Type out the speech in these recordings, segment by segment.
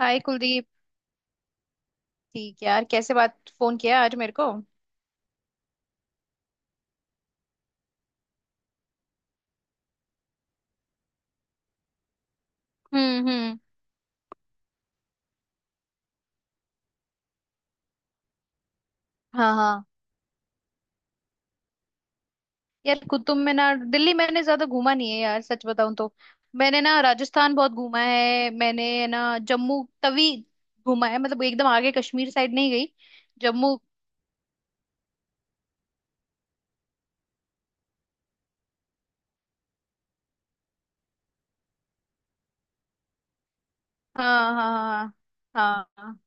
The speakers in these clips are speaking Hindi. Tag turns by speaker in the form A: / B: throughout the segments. A: हाय कुलदीप। ठीक है यार, कैसे बात फोन किया आज मेरे को। हम्म। हम्म। हाँ हाँ। यार कुतुब मीनार दिल्ली मैंने ज्यादा घूमा नहीं है यार, सच बताऊं तो मैंने ना राजस्थान बहुत घूमा है, मैंने ना। जम्मू तवी घूमा है, मतलब एकदम आगे कश्मीर साइड नहीं गई। जम्मू। हाँ हाँ। हाँ हाँ।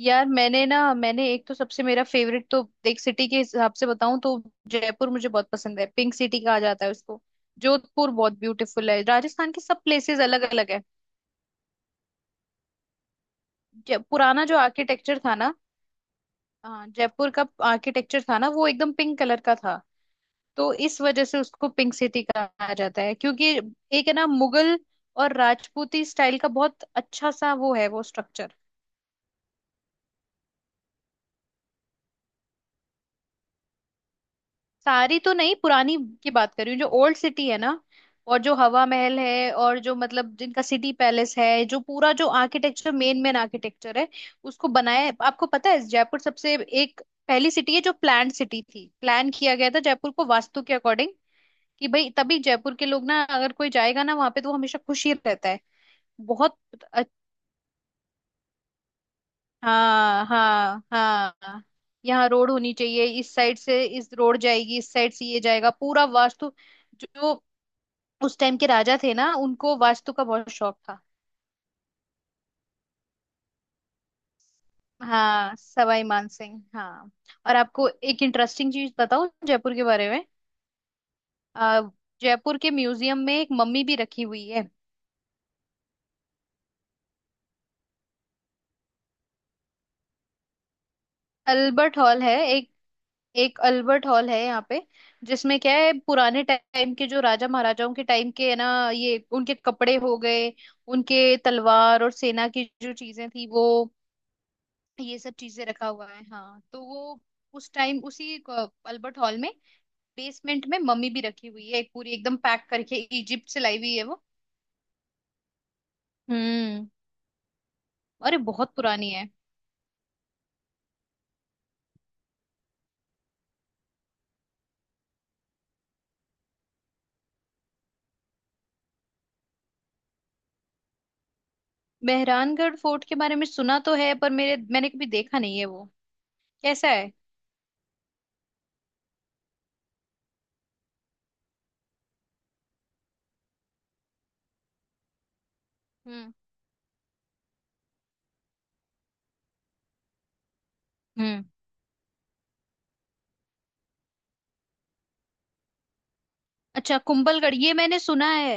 A: यार मैंने ना मैंने एक तो सबसे मेरा फेवरेट तो, एक सिटी के हिसाब से बताऊं तो जयपुर मुझे बहुत पसंद है, पिंक सिटी कहा जाता है उसको। जोधपुर बहुत ब्यूटीफुल है, राजस्थान के सब प्लेसेस अलग अलग है। जय पुराना जो आर्किटेक्चर था ना, हाँ, जयपुर का आर्किटेक्चर था ना, वो एकदम पिंक कलर का था, तो इस वजह से उसको पिंक सिटी कहा जाता है, क्योंकि एक है ना मुगल और राजपूती स्टाइल का, बहुत अच्छा सा वो है वो स्ट्रक्चर। सारी तो नहीं, पुरानी की बात कर रही हूँ, जो ओल्ड सिटी है ना, और जो हवा महल है, और जो मतलब जिनका सिटी पैलेस है, जो पूरा जो आर्किटेक्चर, मेन मेन आर्किटेक्चर है। उसको बनाया, आपको पता है, जयपुर सबसे एक पहली सिटी है जो प्लान सिटी थी, प्लान किया गया था जयपुर को वास्तु के अकॉर्डिंग, कि भाई, तभी जयपुर के लोग ना, अगर कोई जाएगा ना वहां पे, तो वो हमेशा खुश ही रहता है। बहुत अच्छ- हाँ हाँ हाँ। यहाँ रोड होनी चाहिए, इस साइड से इस रोड जाएगी, इस साइड से ये जाएगा, पूरा वास्तु। जो उस टाइम के राजा थे ना, उनको वास्तु का बहुत शौक था। हाँ, सवाई मान सिंह, हाँ। और आपको एक इंटरेस्टिंग चीज बताऊं जयपुर के बारे में। अ, जयपुर के म्यूजियम में एक मम्मी भी रखी हुई है। अल्बर्ट हॉल है एक, एक अल्बर्ट हॉल है यहाँ पे, जिसमें क्या है, पुराने टाइम के जो राजा महाराजाओं के टाइम के है ना, ये उनके कपड़े हो गए, उनके तलवार और सेना की जो चीजें थी वो, ये सब चीजें रखा हुआ है। हाँ, तो वो उस टाइम उसी अल्बर्ट हॉल में, बेसमेंट में मम्मी भी रखी हुई है, एक पूरी, एकदम पैक करके इजिप्ट से लाई हुई है वो। हम्म। अरे, बहुत पुरानी है। मेहरानगढ़ फोर्ट के बारे में सुना तो है, पर मेरे मैंने कभी देखा नहीं है वो। कैसा है? हम्म। हम्म। अच्छा, कुंभलगढ़, ये मैंने सुना है।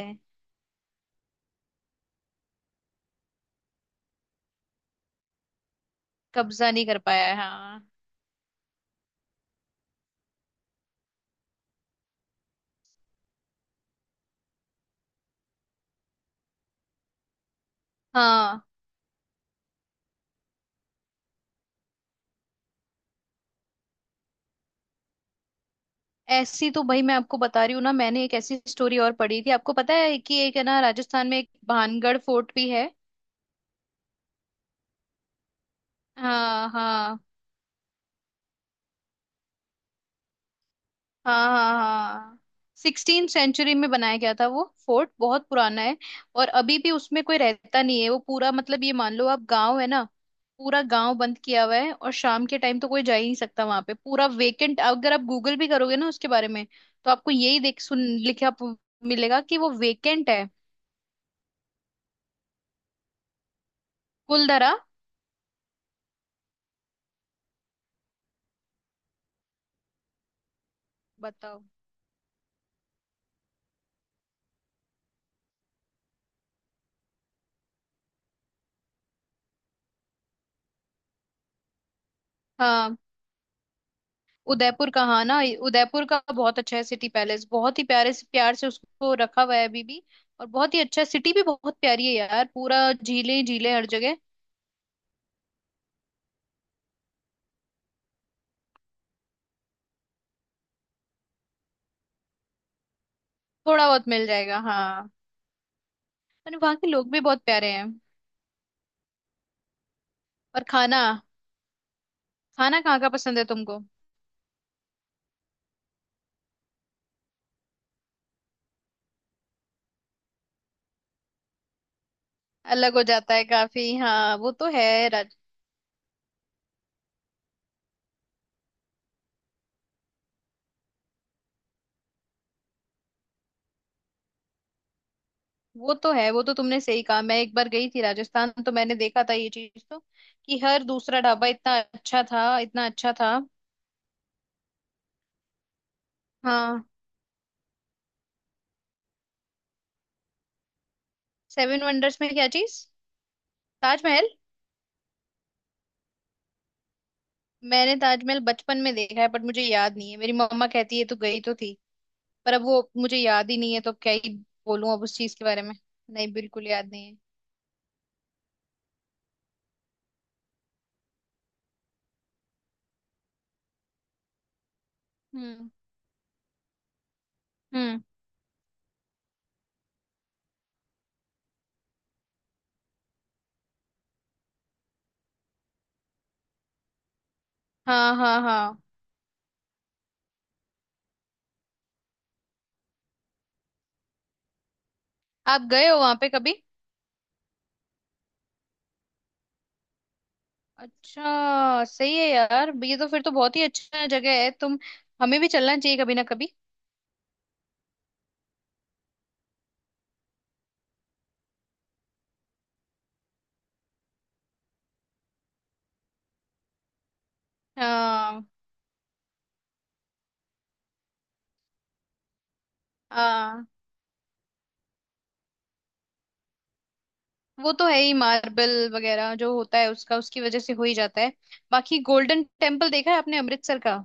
A: कब्जा नहीं कर पाया है, हाँ। हाँ। ऐसी तो भाई मैं आपको बता रही हूँ ना, मैंने एक ऐसी स्टोरी और पढ़ी थी। आपको पता है कि एक है ना, राजस्थान में एक भानगढ़ फोर्ट भी है। हाँ हाँ। हाँ हाँ हाँ। 16 सेंचुरी में बनाया गया था वो फोर्ट, बहुत पुराना है। और अभी भी उसमें कोई रहता नहीं है, वो पूरा, मतलब ये मान लो आप गांव है ना, पूरा गांव बंद किया हुआ है। और शाम के टाइम तो कोई जा ही नहीं सकता वहां पे, पूरा वेकेंट। अगर आप गूगल भी करोगे ना उसके बारे में, तो आपको यही देख सुन लिखा प- मिलेगा कि वो वेकेंट है। कुलधरा। बताओ। हाँ, उदयपुर का, हाँ ना, उदयपुर का बहुत अच्छा है सिटी पैलेस, बहुत ही प्यारे से, प्यार से उसको रखा हुआ है अभी भी। और बहुत ही अच्छा है। सिटी भी बहुत प्यारी है यार, पूरा झीलें ही झीलें हर जगह। थोड़ा बहुत मिल जाएगा, हाँ। और वहाँ के लोग भी बहुत प्यारे हैं। और खाना, खाना कहाँ का पसंद है तुमको? अलग हो जाता है काफी, हाँ, वो तो है राज। वो तो है, वो तो तुमने सही कहा, मैं एक बार गई थी राजस्थान, तो मैंने देखा था ये चीज तो, कि हर दूसरा ढाबा इतना अच्छा था, इतना अच्छा था। हाँ। सेवन वंडर्स में क्या चीज? ताजमहल। मैंने ताजमहल बचपन में देखा है, बट मुझे याद नहीं है, मेरी मम्मा कहती है तू गई तो थी, पर अब वो मुझे याद ही नहीं है, तो क्या ही बोलूं अब उस चीज के बारे में। नहीं, बिल्कुल याद नहीं है। हम्म। हम्म। हाँ हाँ हाँ। आप गए हो वहां पे कभी? अच्छा, सही है यार, ये तो फिर तो बहुत ही अच्छा जगह है, तुम, हमें भी चलना चाहिए कभी ना कभी। हाँ। हाँ, वो तो है ही, मार्बल वगैरह जो होता है उसका, उसकी वजह से हो ही जाता है। बाकी गोल्डन टेम्पल देखा है आपने अमृतसर का?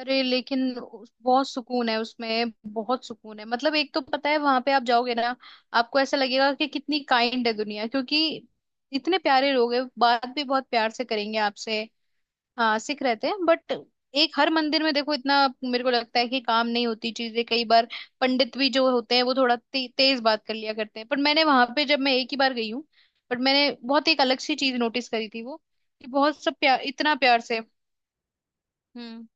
A: अरे, लेकिन बहुत सुकून है उसमें, बहुत सुकून है। मतलब एक तो पता है, वहां पे आप जाओगे ना, आपको ऐसा लगेगा कि कितनी काइंड है दुनिया, क्योंकि इतने प्यारे लोग हैं, बात भी बहुत प्यार से करेंगे आपसे। हाँ, सिख रहते हैं, बट एक हर मंदिर में देखो, इतना, मेरे को लगता है कि काम नहीं होती चीजें कई बार, पंडित भी जो होते हैं वो थोड़ा तेज बात कर लिया करते हैं। पर मैंने वहां पे, जब मैं एक ही बार गई हूँ, बट मैंने बहुत एक अलग सी चीज नोटिस करी थी वो, कि बहुत सब प्यार, इतना प्यार से। हम्म।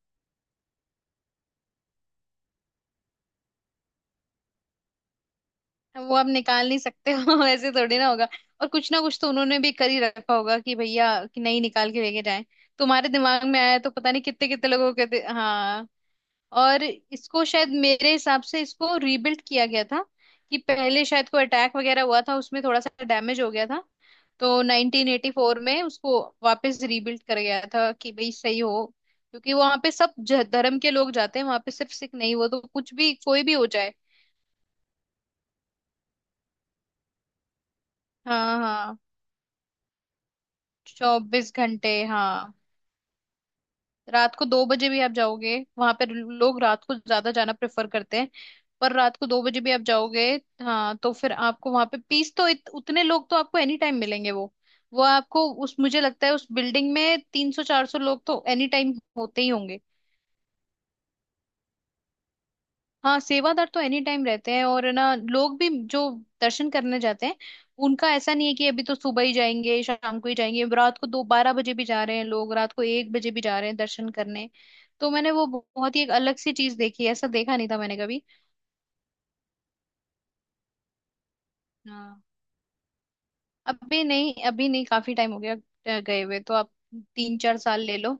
A: वो आप निकाल नहीं सकते हो, ऐसे थोड़ी ना होगा। और कुछ ना कुछ तो उन्होंने भी कर ही रखा होगा, कि भैया कि नहीं निकाल के लेके जाए, तुम्हारे दिमाग में आया तो पता नहीं कितने कितने लोगों के हाँ। और इसको शायद मेरे हिसाब से इसको रीबिल्ड किया गया था, कि पहले शायद कोई अटैक वगैरह हुआ था, उसमें थोड़ा सा डैमेज हो गया था, तो 1984 में उसको वापस रीबिल्ड कर गया था, कि भाई सही हो, क्योंकि वहां पे सब धर्म के लोग जाते हैं वहां पे, सिर्फ सिख नहीं, वो तो कुछ भी कोई भी हो जाए। हाँ हाँ। 24 घंटे, हाँ। रात को 2 बजे भी आप जाओगे, वहां पर लोग रात को ज्यादा जाना प्रेफर करते हैं, पर रात को 2 बजे भी आप जाओगे। हाँ, तो फिर आपको वहां पे पीस तो, उतने लोग तो आपको एनी टाइम मिलेंगे वो आपको, उस, मुझे लगता है उस बिल्डिंग में 300, 400 लोग तो एनी टाइम होते ही होंगे। हाँ, सेवादार तो एनी टाइम रहते हैं, और ना लोग भी जो दर्शन करने जाते हैं, उनका ऐसा नहीं है कि अभी तो सुबह ही जाएंगे, शाम को ही जाएंगे, रात को दो बारह बजे भी जा रहे हैं लोग, रात को 1 बजे भी जा रहे हैं दर्शन करने। तो मैंने वो बहुत ही एक अलग सी चीज देखी है, ऐसा देखा नहीं था मैंने कभी। हाँ। अभी नहीं, अभी नहीं, काफी टाइम हो गया। गए हुए तो आप, 3-4 साल ले लो।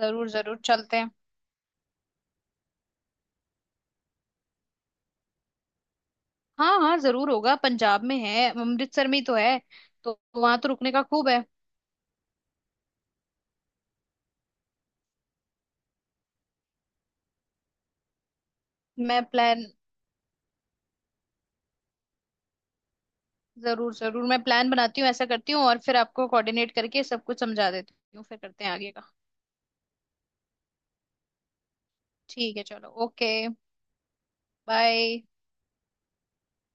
A: जरूर जरूर चलते हैं। हाँ हाँ, जरूर होगा, पंजाब में है, अमृतसर में ही तो है, तो वहां तो रुकने का खूब है। मैं प्लान, जरूर जरूर, मैं प्लान बनाती हूँ, ऐसा करती हूँ, और फिर आपको कोऑर्डिनेट करके सब कुछ समझा देती हूँ, फिर करते हैं आगे का। ठीक है, चलो, ओके, बाय।